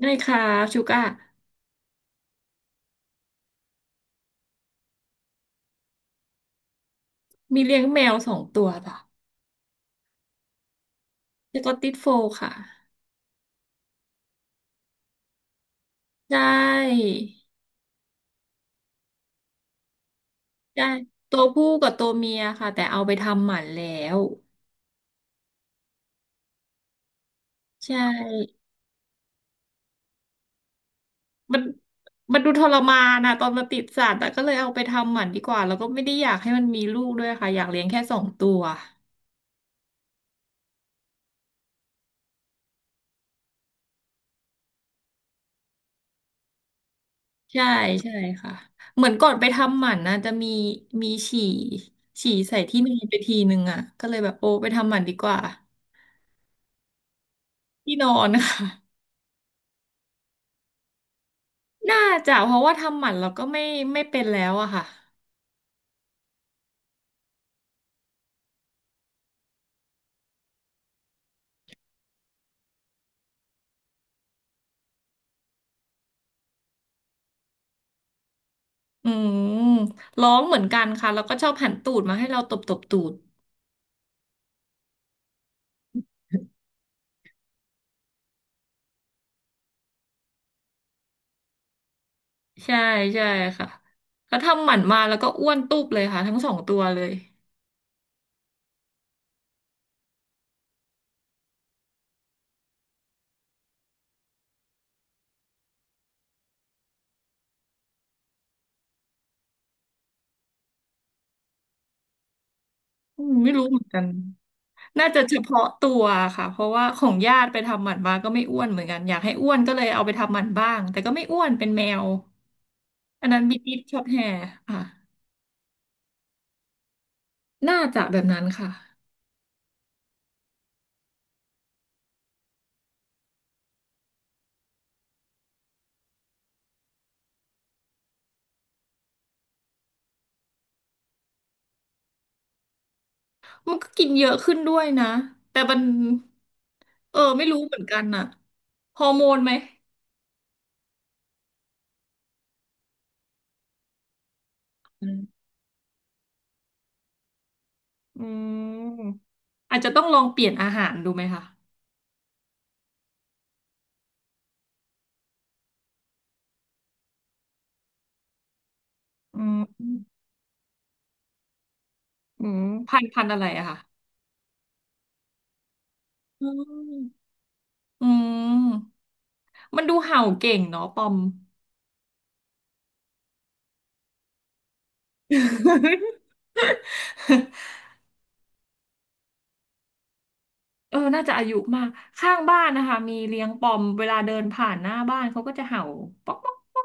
ได้ค่ะชูก้ามีเลี้ยงแมวสองตัวจ้ะสกอตติชโฟลด์ค่ะได้ได้ตัวผู้กับตัวเมียค่ะแต่เอาไปทำหมันแล้วใช่มันมันดูทรมานนะตอนมาติดสัตว์แต่ก็เลยเอาไปทำหมันดีกว่าแล้วก็ไม่ได้อยากให้มันมีลูกด้วยค่ะอยากเลี้ยงแค่สองตัวใช่ใช่ค่ะเหมือนก่อนไปทำหมันนะจะมีฉี่ใส่ที่นอนไปทีนึงอ่ะก็เลยแบบโอ้ไปทำหมันดีกว่าที่นอนค่ะ น่าจะเพราะว่าทำหมันเราก็ไม่เป็นแล้วอะค่ะอืมร้องเหมือนกันค่ะแล้วก็ชอบหันตูดมาให้เราตบตบตูดใช่ใช่ค่ะเขาทำหมันมาแล้วก็อ้วนตุบเลยค่ะทั้งสองตัวเลยอืมไม่รู้เหมือนกันน่าจะเฉพาะตัวค่ะเพราะว่าของญาติไปทำหมันมาก็ไม่อ้วนเหมือนกันอยากให้อ้วนก็เลยเอาไปทำหมันบ้างแต่ก็ไม่อ้วนเป็นแมวอันนั้นบิติชช็อตแฮร์ค่ะน่าจะแบบนั้นค่ะมันก็กินเยอะขึ้นด้วยนะแต่มัน เออไม่รู้เหมือนกันน่ะฮอร์โมนไหมอืมอืมอาจจะต้องลองเปลี่ยนอาหารดูไหมคะอืมอืมพันธุ์อะไรอะค่ะอืมอืมมันดูเห่าเก่งเนาะปอม เออน่าจะอายุมากข้างบ้านนะคะมีเลี้ยงปอมเวลาเดินผ่านหน้าบ้านเขาก็จะเห่าป๊อกป๊อก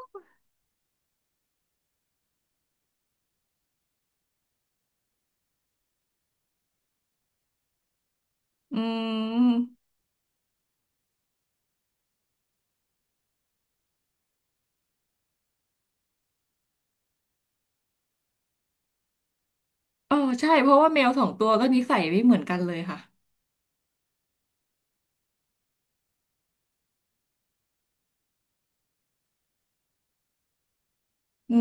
อืมเออใช่เพราะว่าแมวสองตัวก็นิสัยไม่เหมือนกันเลยค่ะอื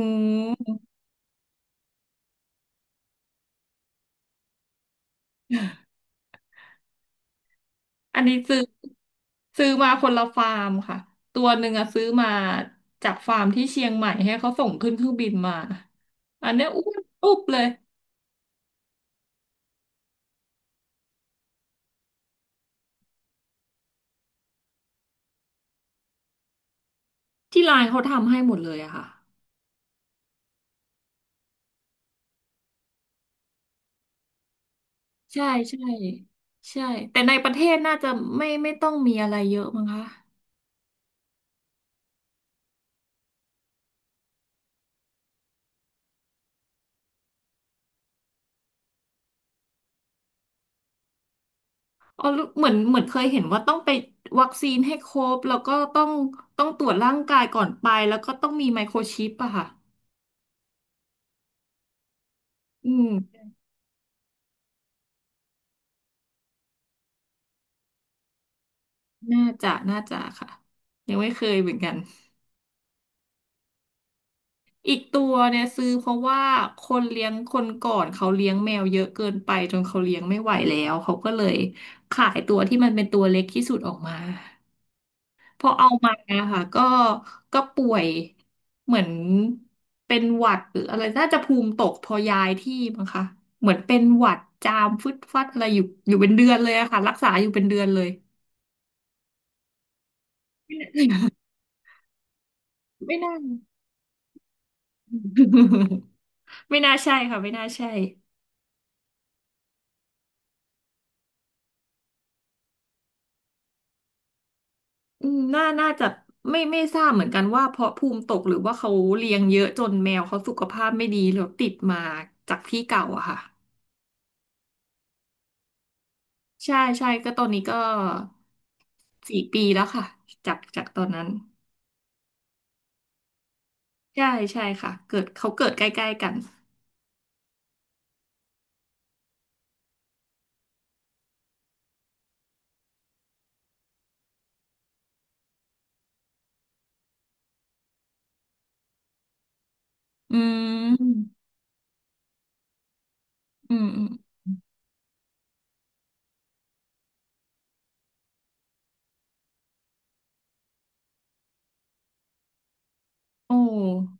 ม อันนี้ซื้อมาคนละฟาร์มค่ะตัวหนึ่งอะซื้อมาจากฟาร์มที่เชียงใหม่ให้เขาส่งขึ้นเครื่องบินมาอันเนี้ยอ้วนอุ๊บเลยที่ร้านเขาทำให้หมดเลยอะค่ะใช่ใช่ใช่แต่ในประเทศน่าจะไม่ต้องมีอะไรเยอะมั้งคะอ๋อเหมือนเหมือนเคยเห็นว่าต้องไปวัคซีนให้ครบแล้วก็ต้องตรวจร่างกายก่อนไปแล้วก็ต้องมีไมโครชิปอะค่ะอืมน่าจะค่ะยังไม่เคยเหมือนกัน อีกตัวเนี่ยซื้อเพราะว่าคนเลี้ยงคนก่อนเขาเลี้ยงแมวเยอะเกินไปจนเขาเลี้ยงไม่ไหวแล้วเขาก็เลยขายตัวที่มันเป็นตัวเล็กที่สุดออกมาพอเอามาค่ะก็ป่วยเหมือนเป็นหวัดหรืออะไรน่าจะภูมิตกพอย้ายที่มั้งคะเหมือนเป็นหวัดจามฟึดฟัดอะไรอยู่อยู่เป็นเดือนเลยอะค่ะรักษาอยู่เป็นเดือนเลย ไม่น่า ไม่น่าใช่ค่ะไม่น่าใช่ อืมน่าน่าจะไม่ทราบเหมือนกันว่าเพราะภูมิตกหรือว่าเขาเลี้ยงเยอะจนแมวเขาสุขภาพไม่ดีแล้วติดมาจากที่เก่าอะค่ะใช่ใช่ก็ตอนนี้ก็สี่ปีแล้วค่ะจากตอนนั้นใช่ใช่ค่ะเกิดเขาเกิดใกล้ๆกันอืมอืมอืมโอ้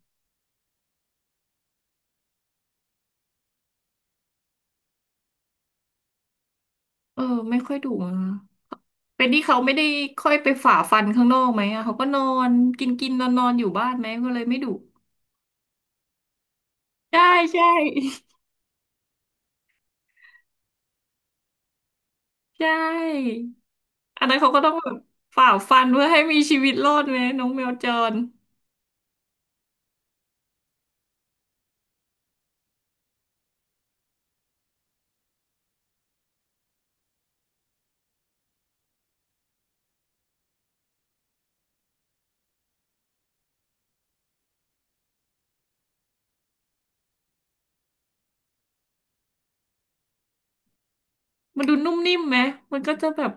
เออไม่ค่อยดุนะเป็นที่เขาไม่ได้ค่อยไปฝ่าฟันข้างนอกไหมอะเขาก็นอนกินกินนอนนอนๆอยู่บ้านไหมก็เลยไม่ดุใช่ใช่ ใช่ อันนั้นเขาก็ต้องแบบฝ่าฟันเพื่อให้มีชีวิตรอดไหมน้องแมวจรมันดูนุ่มนิ่มไหมมันก็จะแบบ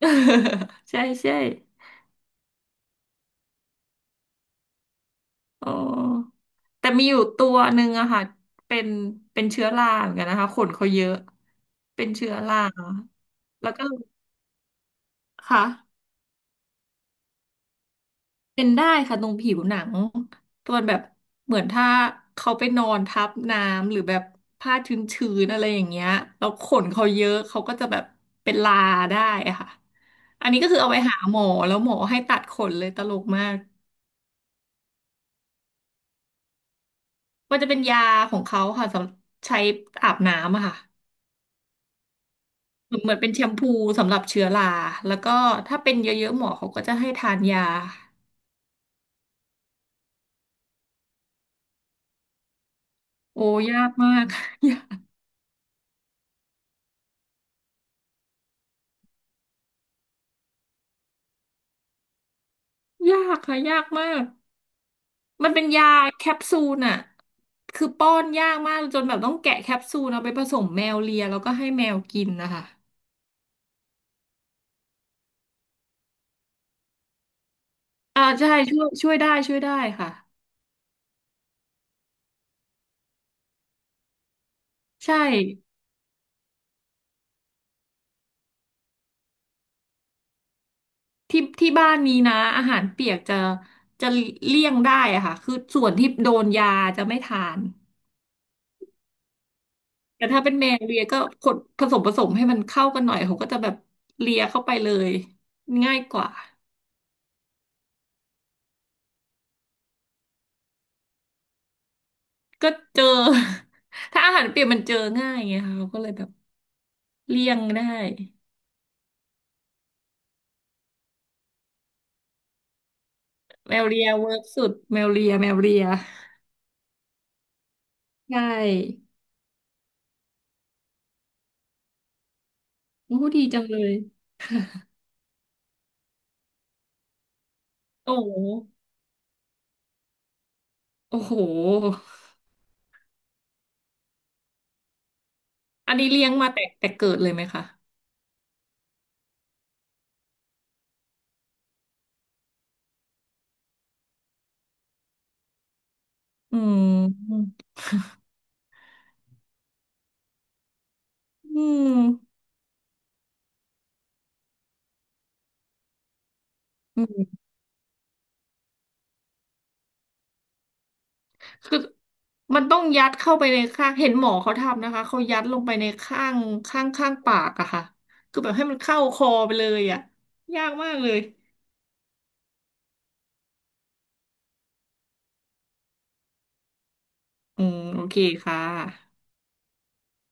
ใช่ใช่อ๋อแต่มีอยู่ตัวหนึ่งอะค่ะเป็นเป็นเชื้อราเหมือนกันนะคะขนเขาเยอะเป็นเชื้อราแล้วก็ค่ะ เป็นได้ค่ะตรงผิวหนังตอนแบบเหมือนถ้าเขาไปนอนทับน้ำหรือแบบผ้าชื้นๆอะไรอย่างเงี้ยแล้วขนเขาเยอะเขาก็จะแบบเป็นลาได้อะค่ะอันนี้ก็คือเอาไปหาหมอแล้วหมอให้ตัดขนเลยตลกมากมันจะเป็นยาของเขาค่ะสำหรับใช้อาบน้ำอะค่ะเหมือนเหมือนเป็นแชมพูสำหรับเชื้อราแล้วก็ถ้าเป็นเยอะๆหมอเขาก็จะให้ทานยาโอ้ยากมาก ยากยากค่ะยากมาก มันเป็นยาแคปซูลอะคือป้อนยากมากจนแบบต้องแกะแคปซูลเอาไปผสมแมวเลียแล้วก็ให้แมวกินนะคะอ่าใช่ช่วยช่วยได้ช่วยได้ค่ะใช่ที่ที่บ้านนี้นะอาหารเปียกจะเลี่ยงได้อะค่ะคือส่วนที่โดนยาจะไม่ทานแต่ถ้าเป็นแมวเลียก็กดผสมให้มันเข้ากันหน่อยเขาก็จะแบบเลียเข้าไปเลยง่ายกว่าก็เจอ ถ้าอาหารเปียกมันเจอง่ายไงค่ะเขาก็เลยแบบเลี่ยงได้ แมวเลียเวิร์กสุดแมวเลียแมวเลียใช่โอ้ดีจังเลยโอ้โหโอ้โหอันนี้เลี้ยงมาแต่เกิดเลยไหมคะอืมอืมอืมคือมันต้องยัดเข้าไปในข้างเห็นหมอเขาทำนะคะเขายัดลงไปในข้างข้างข้างปากอะค่ะคือแบบให้มันเข้าคอไปเลยอะยากมากเลยอืมโอเคค่ะ